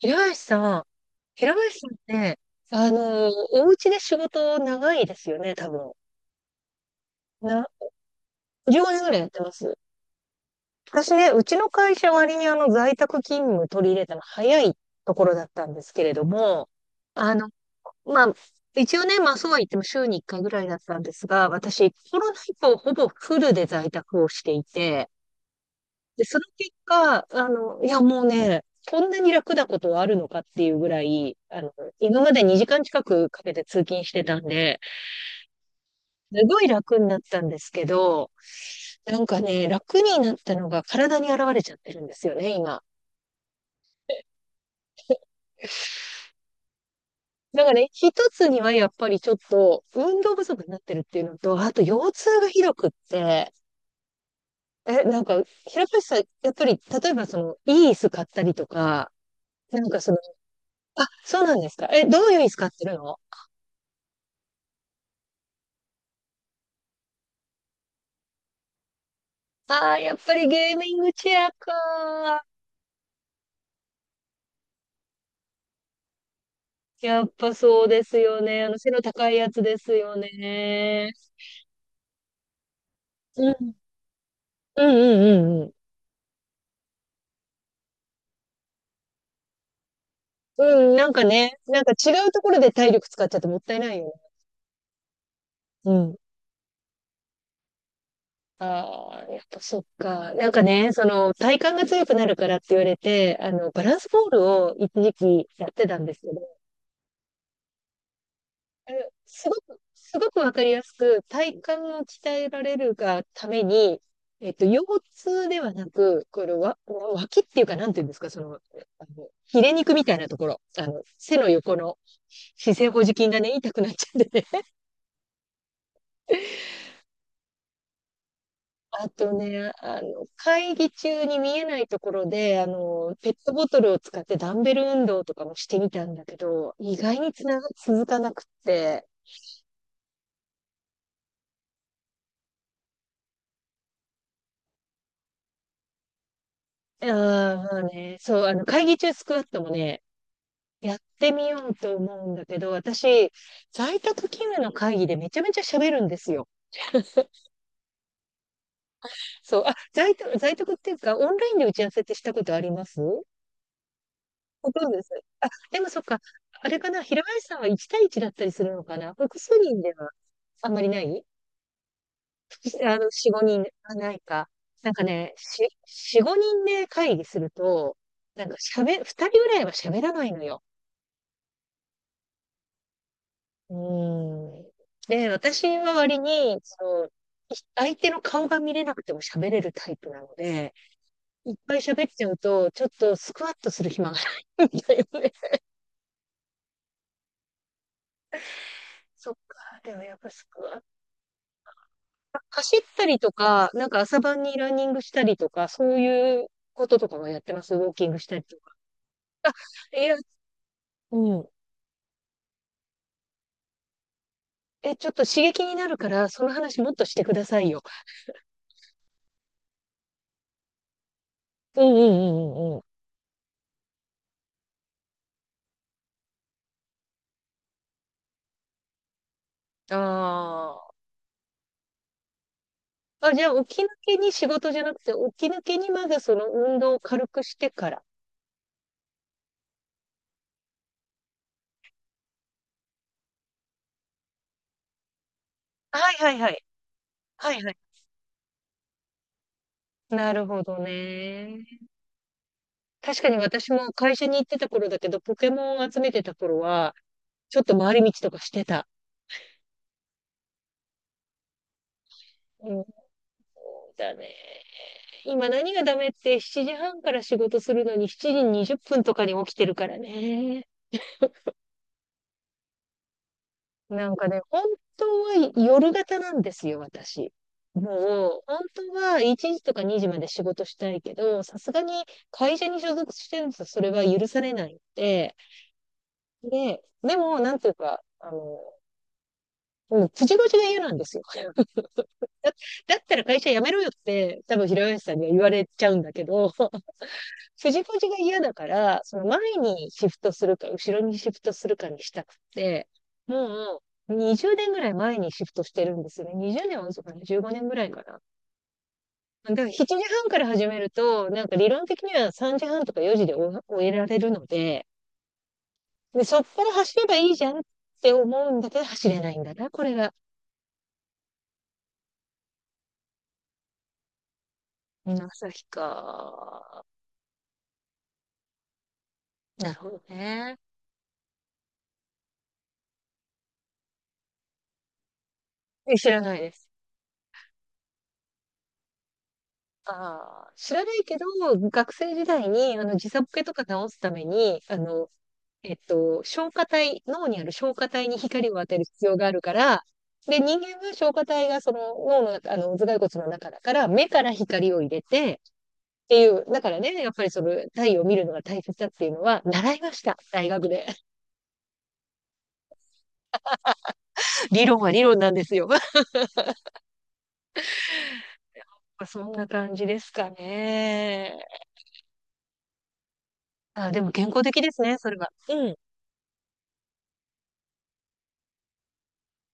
平林さん、平林さんって、お家で仕事長いですよね、多分。な、10年ぐらいやってます。私ね、うちの会社割に在宅勤務取り入れたの早いところだったんですけれども、あの、まあ、一応ね、まあそうは言っても週に1回ぐらいだったんですが、私、コロナ以降ほぼフルで在宅をしていて、で、その結果、いや、もうね、こんなに楽なことはあるのかっていうぐらい、今まで2時間近くかけて通勤してたんで、すごい楽になったんですけど、なんかね、楽になったのが体に現れちゃってるんですよね、今。だからね、一つにはやっぱりちょっと運動不足になってるっていうのと、あと腰痛がひどくって、え、なんか、平林さん、やっぱり、例えばその、いい椅子買ったりとか、なんかその、あ、そうなんですか。え、どういう椅子買ってるの？ああ、やっぱりゲーミングチェアか。やっぱそうですよね。背の高いやつですよね。うん。うんうんうんうん。うん、なんかね、なんか違うところで体力使っちゃってもったいないよね。うん。ああ、やっぱそっか。なんかね、その、体幹が強くなるからって言われて、バランスボールを一時期やってたんですけど、あのすごく、すごくわかりやすく、体幹を鍛えられるがために、腰痛ではなく、このわ、脇っていうか、なんていうんですか、その、ヒレ肉みたいなところ、背の横の姿勢保持筋がね、痛くなっちゃってね。 あとね、会議中に見えないところで、ペットボトルを使ってダンベル運動とかもしてみたんだけど、意外につなが、続かなくって、ああ、まあね、そう、会議中スクワットもね、やってみようと思うんだけど、私、在宅勤務の会議でめちゃめちゃ喋るんですよ。そう、あ、在宅っていうか、オンラインで打ち合わせってしたことあります？ほとんどです。あ、でもそっか、あれかな、平林さんは1対1だったりするのかな？複数人ではあんまりない？複あの、4、5人、はないか。なんかね、4、5人で会議すると、なんか喋、2人ぐらいは喋らないのよ。うん。で、私は割に、その、相手の顔が見れなくても喋れるタイプなので、いっぱい喋っちゃうと、ちょっとスクワットする暇がないんだよね。そっか、でもやっぱスクワット。走ったりとか、なんか朝晩にランニングしたりとか、そういうこととかもやってます。ウォーキングしたりとか。いや、うん。え、ちょっと刺激になるから、その話もっとしてくださいよ。うんうんうんうんうん。ああ。あ、じゃあ、起き抜けに仕事じゃなくて、起き抜けにまずその運動を軽くしてから。はいはいはい。はいはい。なるほどね。確かに私も会社に行ってた頃だけど、ポケモンを集めてた頃は、ちょっと回り道とかしてた。うん、そうだね。今何がダメって、7時半から仕事するのに7時20分とかに起きてるからね。なんかね、本当は夜型なんですよ、私。もう、本当は1時とか2時まで仕事したいけど、さすがに会社に所属してるとそれは許されないっで、でも、なんていうか、もう、口々が嫌なんですよ。だ、だったら会社辞めろよって、多分平林さんには言われちゃうんだけど、藤子が嫌だから、その前にシフトするか、後ろにシフトするかにしたくて、もう20年ぐらい前にシフトしてるんですね。20年は遅かない、15年ぐらいかな。だから7時半から始めると、なんか理論的には3時半とか4時で終えられるので、で、そっから走ればいいじゃんって思うんだけど、走れないんだな、これが。うん、朝日か。なるほどね。え、知らないです。ああ、知らないけど、学生時代に、時差ボケとか直すために、消化体、脳にある消化体に光を当てる必要があるから、で、人間は消化体がその脳の、頭蓋骨の中だから、目から光を入れて、っていう、だからね、やっぱりその太陽を見るのが大切だっていうのは、習いました。大学で。理論は理論なんですよ。そんな感じですかね。あ、でも健康的ですね、それは。うん。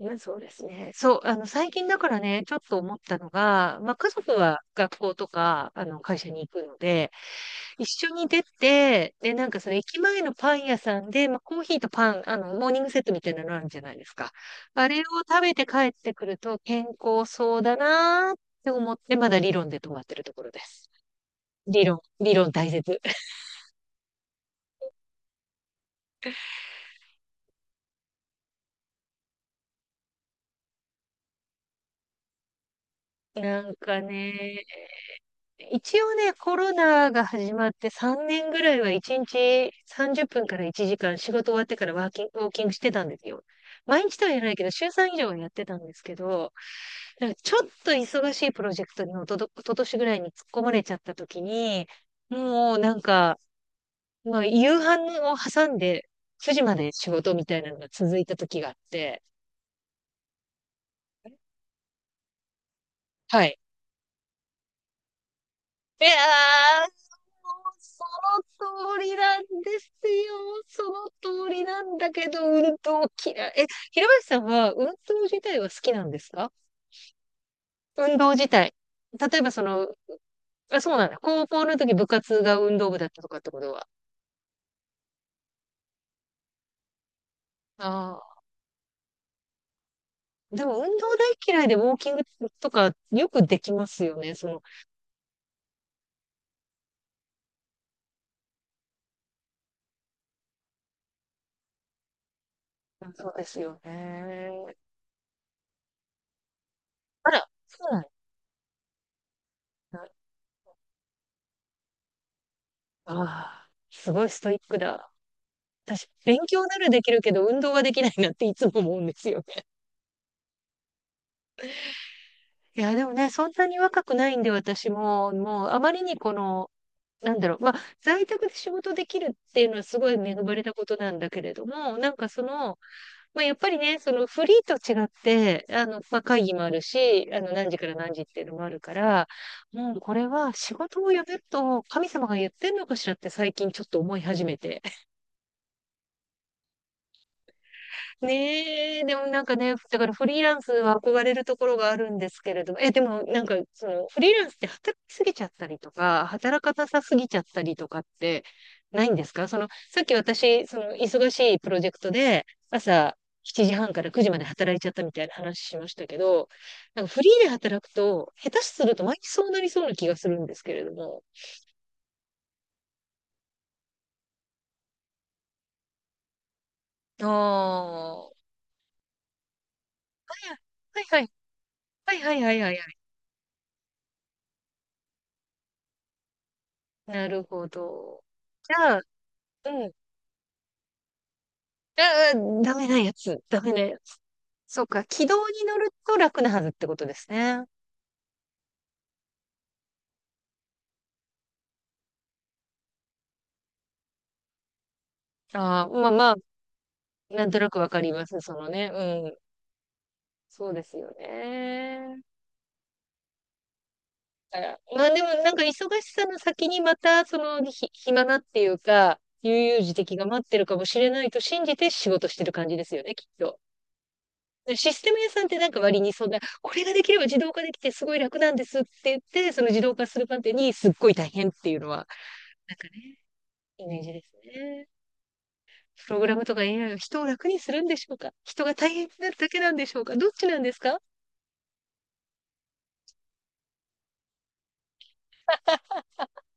いや、そうですね。そう、最近だからね、ちょっと思ったのが、まあ、家族は学校とか、会社に行くので、一緒に出て、で、なんかその駅前のパン屋さんで、まあ、コーヒーとパン、モーニングセットみたいなのあるじゃないですか。あれを食べて帰ってくると健康そうだなーって思って、まだ理論で止まってるところです。理論、理論大切。なんかね、一応ね、コロナが始まって3年ぐらいは1日30分から1時間仕事終わってからワーキング、ウォーキングしてたんですよ。毎日とは言わないけど、週3以上はやってたんですけど、なんかちょっと忙しいプロジェクトにおととしぐらいに突っ込まれちゃった時に、もうなんか、まあ、夕飯を挟んで9時まで仕事みたいなのが続いた時があって、はい。いや、その通りなんですよ。その通りなんだけど、運動嫌い。え、平林さんは運動自体は好きなんですか？運動自体。例えばその、あ、そうなんだ。高校の時部活が運動部だったとかってことは。ああ。でも運動大嫌いでウォーキングとかよくできますよね。その、そうですよね。あら、そうなんだ。ああ、すごいストイックだ。私、勉強ならできるけど運動はできないなっていつも思うんですよ。いや、でもね、そんなに若くないんで、私も、もう、あまりにこの、なんだろう、まあ、在宅で仕事できるっていうのはすごい恵まれたことなんだけれども、なんかその、まあ、やっぱりね、そのフリーと違って、まあ、会議もあるし、何時から何時っていうのもあるから、もうこれは仕事を辞めると神様が言ってんのかしらって最近ちょっと思い始めて。ねえ、でもなんかね、だからフリーランスは憧れるところがあるんですけれども、え、でもなんかそのフリーランスって働きすぎちゃったりとか、働かなさすぎちゃったりとかってないんですか？その、さっき私、その忙しいプロジェクトで朝7時半から9時まで働いちゃったみたいな話しましたけど、なんかフリーで働くと、下手すると毎日そうなりそうな気がするんですけれども。ああ、はいはいはいはいはいはいはいはい。なるほど。じゃあ、うん。ああ、ダメなやつ。ダメなやつ。そうか。軌道に乗ると楽なはずってことですね。ああ、まあまあ、なんとなくわかります。そのね。うん。そうですよね。だからまあでもなんか忙しさの先にまた、その、暇なっていうか、悠々自適が待ってるかもしれないと信じて仕事してる感じですよね、きっと。でシステム屋さんってなんか割にそんな、これができれば自動化できてすごい楽なんですって言って、その自動化するまでにすっごい大変っていうのは、なんかね、イメージですね。プログラムとか AI は人を楽にするんでしょうか？人が大変になるだけなんでしょうか？どっちなんですか？